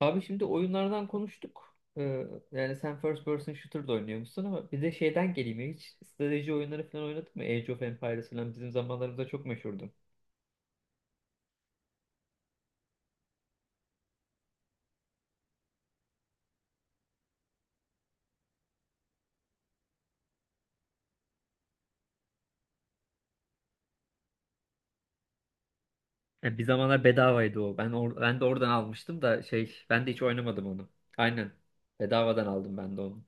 Abi şimdi oyunlardan konuştuk. Yani sen first person shooter da oynuyormuşsun ama bir de şeyden geleyim ya. Hiç strateji oyunları falan oynadın mı? Age of Empires falan bizim zamanlarımızda çok meşhurdu. Ya bir zamanlar bedavaydı o. Ben de oradan almıştım da şey ben de hiç oynamadım onu. Aynen. Bedavadan aldım ben de onu.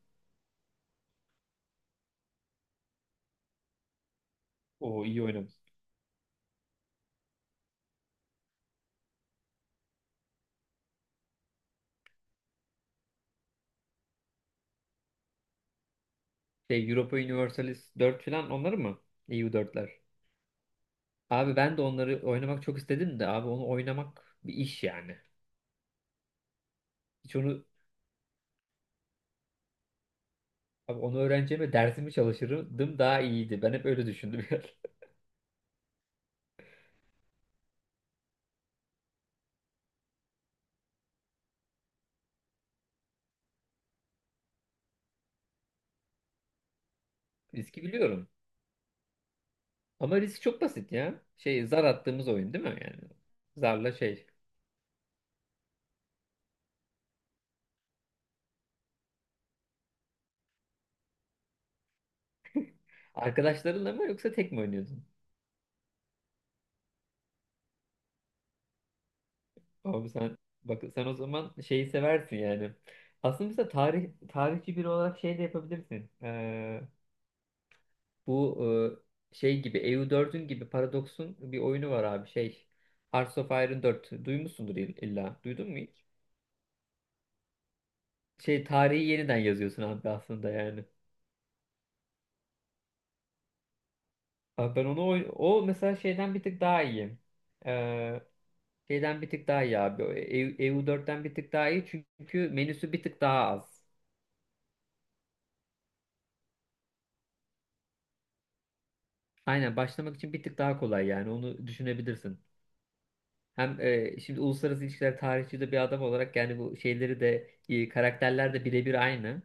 O iyi oynamış. Şey Europa Universalis 4 falan onları mı? EU4'ler. Abi ben de onları oynamak çok istedim de abi onu oynamak bir iş yani. Hiç onu. Abi onu öğreneceğime dersimi çalışırdım daha iyiydi. Ben hep öyle düşündüm yani. Riski biliyorum. Ama risk çok basit ya. Şey zar attığımız oyun değil mi yani? Zarla şey. Arkadaşlarınla mı yoksa tek mi oynuyordun? Abi sen, bak sen o zaman şeyi seversin yani. Aslında mesela tarih tarihçi biri olarak şey de yapabilirsin. Bu şey gibi eu dördün gibi Paradox'un bir oyunu var abi şey. Hearts of Iron 4. Duymuşsundur illa. Duydun mu hiç? Şey tarihi yeniden yazıyorsun abi aslında yani. Abi ben onu o mesela şeyden bir tık daha iyi. Ee, şeyden bir tık daha iyi abi. O EU, EU4'ten bir tık daha iyi çünkü menüsü bir tık daha az. Aynen, başlamak için bir tık daha kolay yani, onu düşünebilirsin. Hem şimdi uluslararası ilişkiler tarihçi de bir adam olarak yani bu şeyleri de karakterler de birebir aynı.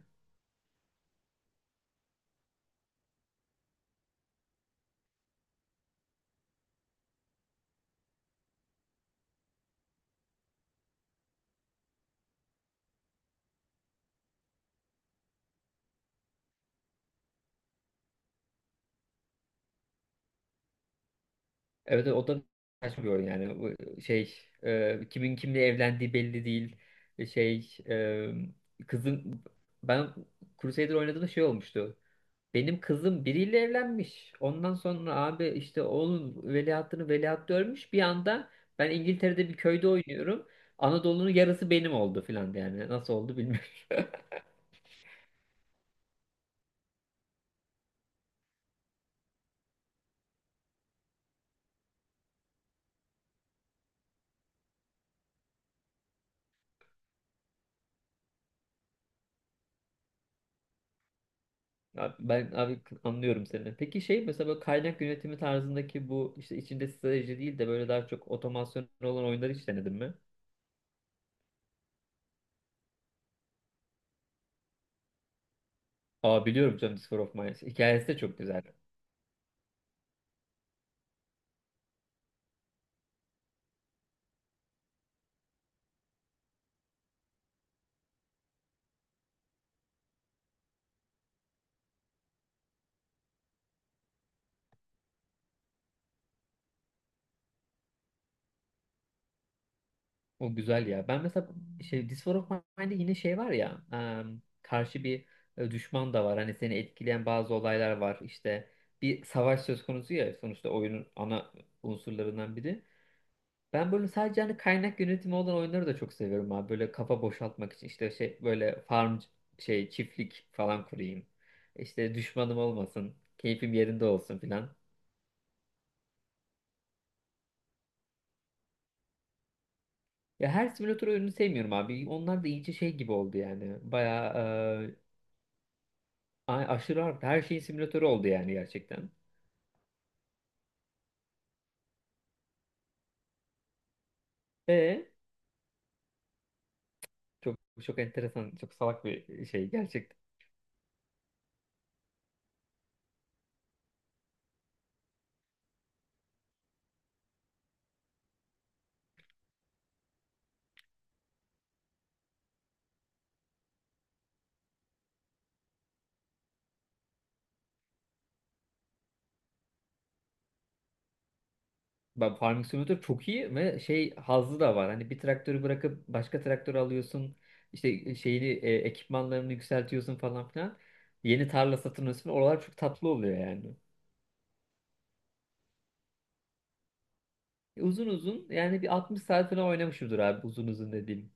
Evet, o da kaçmıyor yani. Bu şey kimin kimle evlendiği belli değil. Şey kızın, ben Crusader oynadığımda şey olmuştu. Benim kızım biriyle evlenmiş. Ondan sonra abi işte oğlun veliahtını veliaht görmüş. Bir anda ben İngiltere'de bir köyde oynuyorum. Anadolu'nun yarısı benim oldu filan yani. Nasıl oldu bilmiyorum. Abi ben abi anlıyorum seni. Peki şey mesela böyle kaynak yönetimi tarzındaki, bu işte içinde strateji değil de böyle daha çok otomasyon olan oyunları hiç denedin mi? Aa, biliyorum canım, Sphere of Mine. Hikayesi de çok güzel. O güzel ya. Ben mesela şey This War of Mine'de yine şey var ya, karşı bir düşman da var. Hani seni etkileyen bazı olaylar var. İşte bir savaş söz konusu ya sonuçta, oyunun ana unsurlarından biri. Ben böyle sadece hani kaynak yönetimi olan oyunları da çok seviyorum abi. Böyle kafa boşaltmak için işte şey, böyle farm şey çiftlik falan kurayım. İşte düşmanım olmasın. Keyfim yerinde olsun filan. Ya her simülatör oyununu sevmiyorum abi. Onlar da iyice şey gibi oldu yani. Bayağı. Ay, aşırı arttı. Her şeyin simülatörü oldu yani gerçekten. E çok çok enteresan, çok salak bir şey gerçekten. Ben Farming Simulator çok iyi ve şey hazzı da var. Hani bir traktörü bırakıp başka traktör alıyorsun. İşte şeyini ekipmanlarını yükseltiyorsun falan filan. Yeni tarla satın alıyorsun. Oralar çok tatlı oluyor yani. Uzun uzun, yani bir 60 saat falan oynamışımdır abi, uzun uzun dediğim.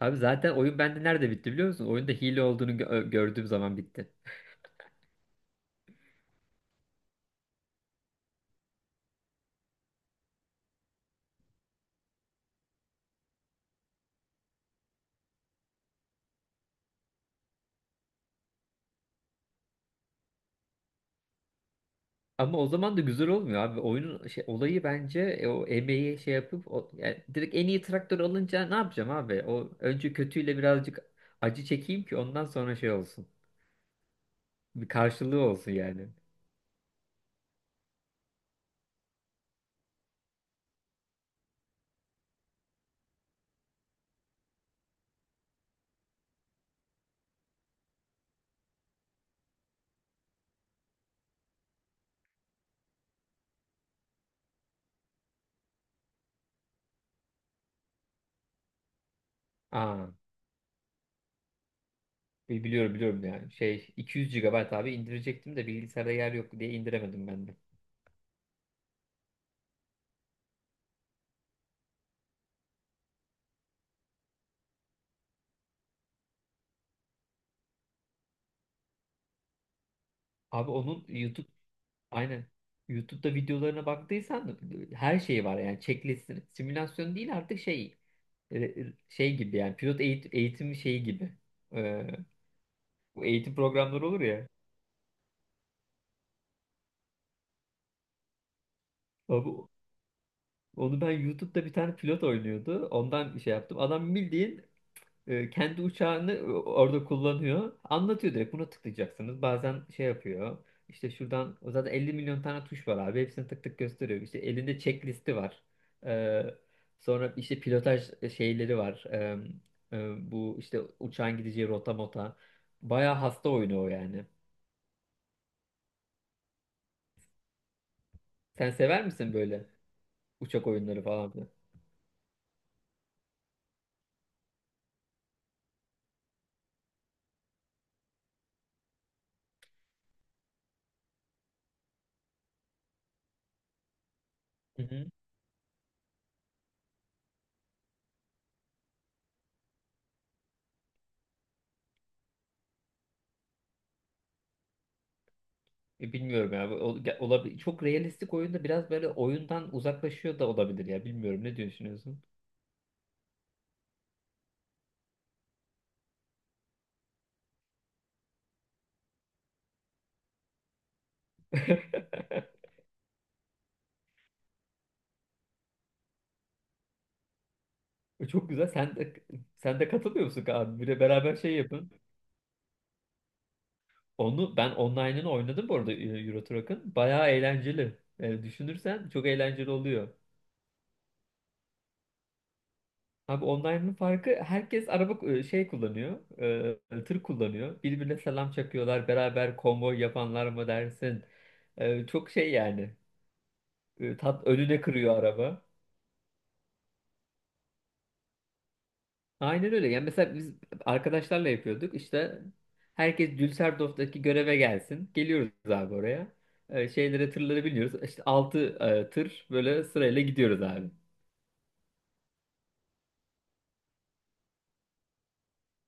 Abi zaten oyun bende nerede bitti biliyor musun? Oyunda hile olduğunu gördüğüm zaman bitti. Ama o zaman da güzel olmuyor abi. Oyunun şey, olayı bence o emeği şey yapıp, o, yani direkt en iyi traktör alınca ne yapacağım abi? O önce kötüyle birazcık acı çekeyim ki, ondan sonra şey olsun. Bir karşılığı olsun yani. Aa, biliyorum biliyorum yani. Şey, 200 GB abi indirecektim de bilgisayarda yer yok diye indiremedim ben de. Abi, onun YouTube, aynen, YouTube'da videolarına baktıysan her şeyi var yani, checklist simülasyon değil artık, şey şey gibi yani, pilot eğitim şeyi gibi. Ee, bu eğitim programları olur ya. Abi, onu ben YouTube'da bir tane pilot oynuyordu. Ondan şey yaptım. Adam bildiğin kendi uçağını orada kullanıyor. Anlatıyor, direkt buna tıklayacaksınız. Bazen şey yapıyor. İşte şuradan, o zaten 50 milyon tane tuş var abi. Hepsini tık tık gösteriyor. İşte elinde checklisti var. Ee, sonra işte pilotaj şeyleri var. Bu işte uçağın gideceği rota mota. Bayağı hasta oyunu o yani. Sen sever misin böyle uçak oyunları falan filan? Hı hı. Bilmiyorum ya. Olabilir. Çok realistik oyunda biraz böyle oyundan uzaklaşıyor da olabilir ya. Bilmiyorum, ne düşünüyorsun? Çok güzel. Sen de katılmıyor musun abi? Bir beraber şey yapın. Onu ben online'ını oynadım bu arada Euro Truck'ın. Bayağı eğlenceli. Yani düşünürsen çok eğlenceli oluyor. Abi online'ın farkı, herkes araba şey kullanıyor, tır kullanıyor. Birbirine selam çakıyorlar, beraber konvoy yapanlar mı dersin? Çok şey yani. Tat önüne kırıyor araba. Aynen öyle. Yani mesela biz arkadaşlarla yapıyorduk. İşte herkes Düsseldorf'taki göreve gelsin. Geliyoruz abi oraya. Şeylere, tırları biniyoruz. İşte 6 tır böyle sırayla gidiyoruz abi.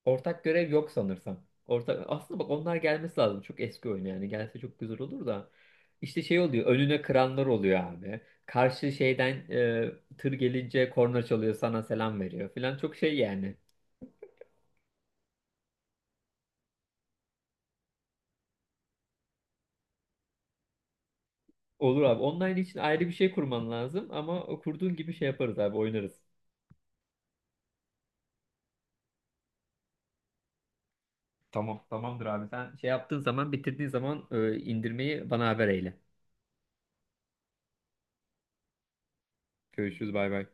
Ortak görev yok sanırsam. Ortak, aslında bak, onlar gelmesi lazım. Çok eski oyun yani. Gelse çok güzel olur da. İşte şey oluyor, önüne kıranlar oluyor abi. Karşı şeyden tır gelince korna çalıyor, sana selam veriyor filan. Çok şey yani. Olur abi. Online için ayrı bir şey kurman lazım ama o kurduğun gibi şey yaparız abi, oynarız. Tamam, tamamdır abi. Sen şey yaptığın zaman, bitirdiğin zaman indirmeyi bana haber eyle. Görüşürüz, bay bay.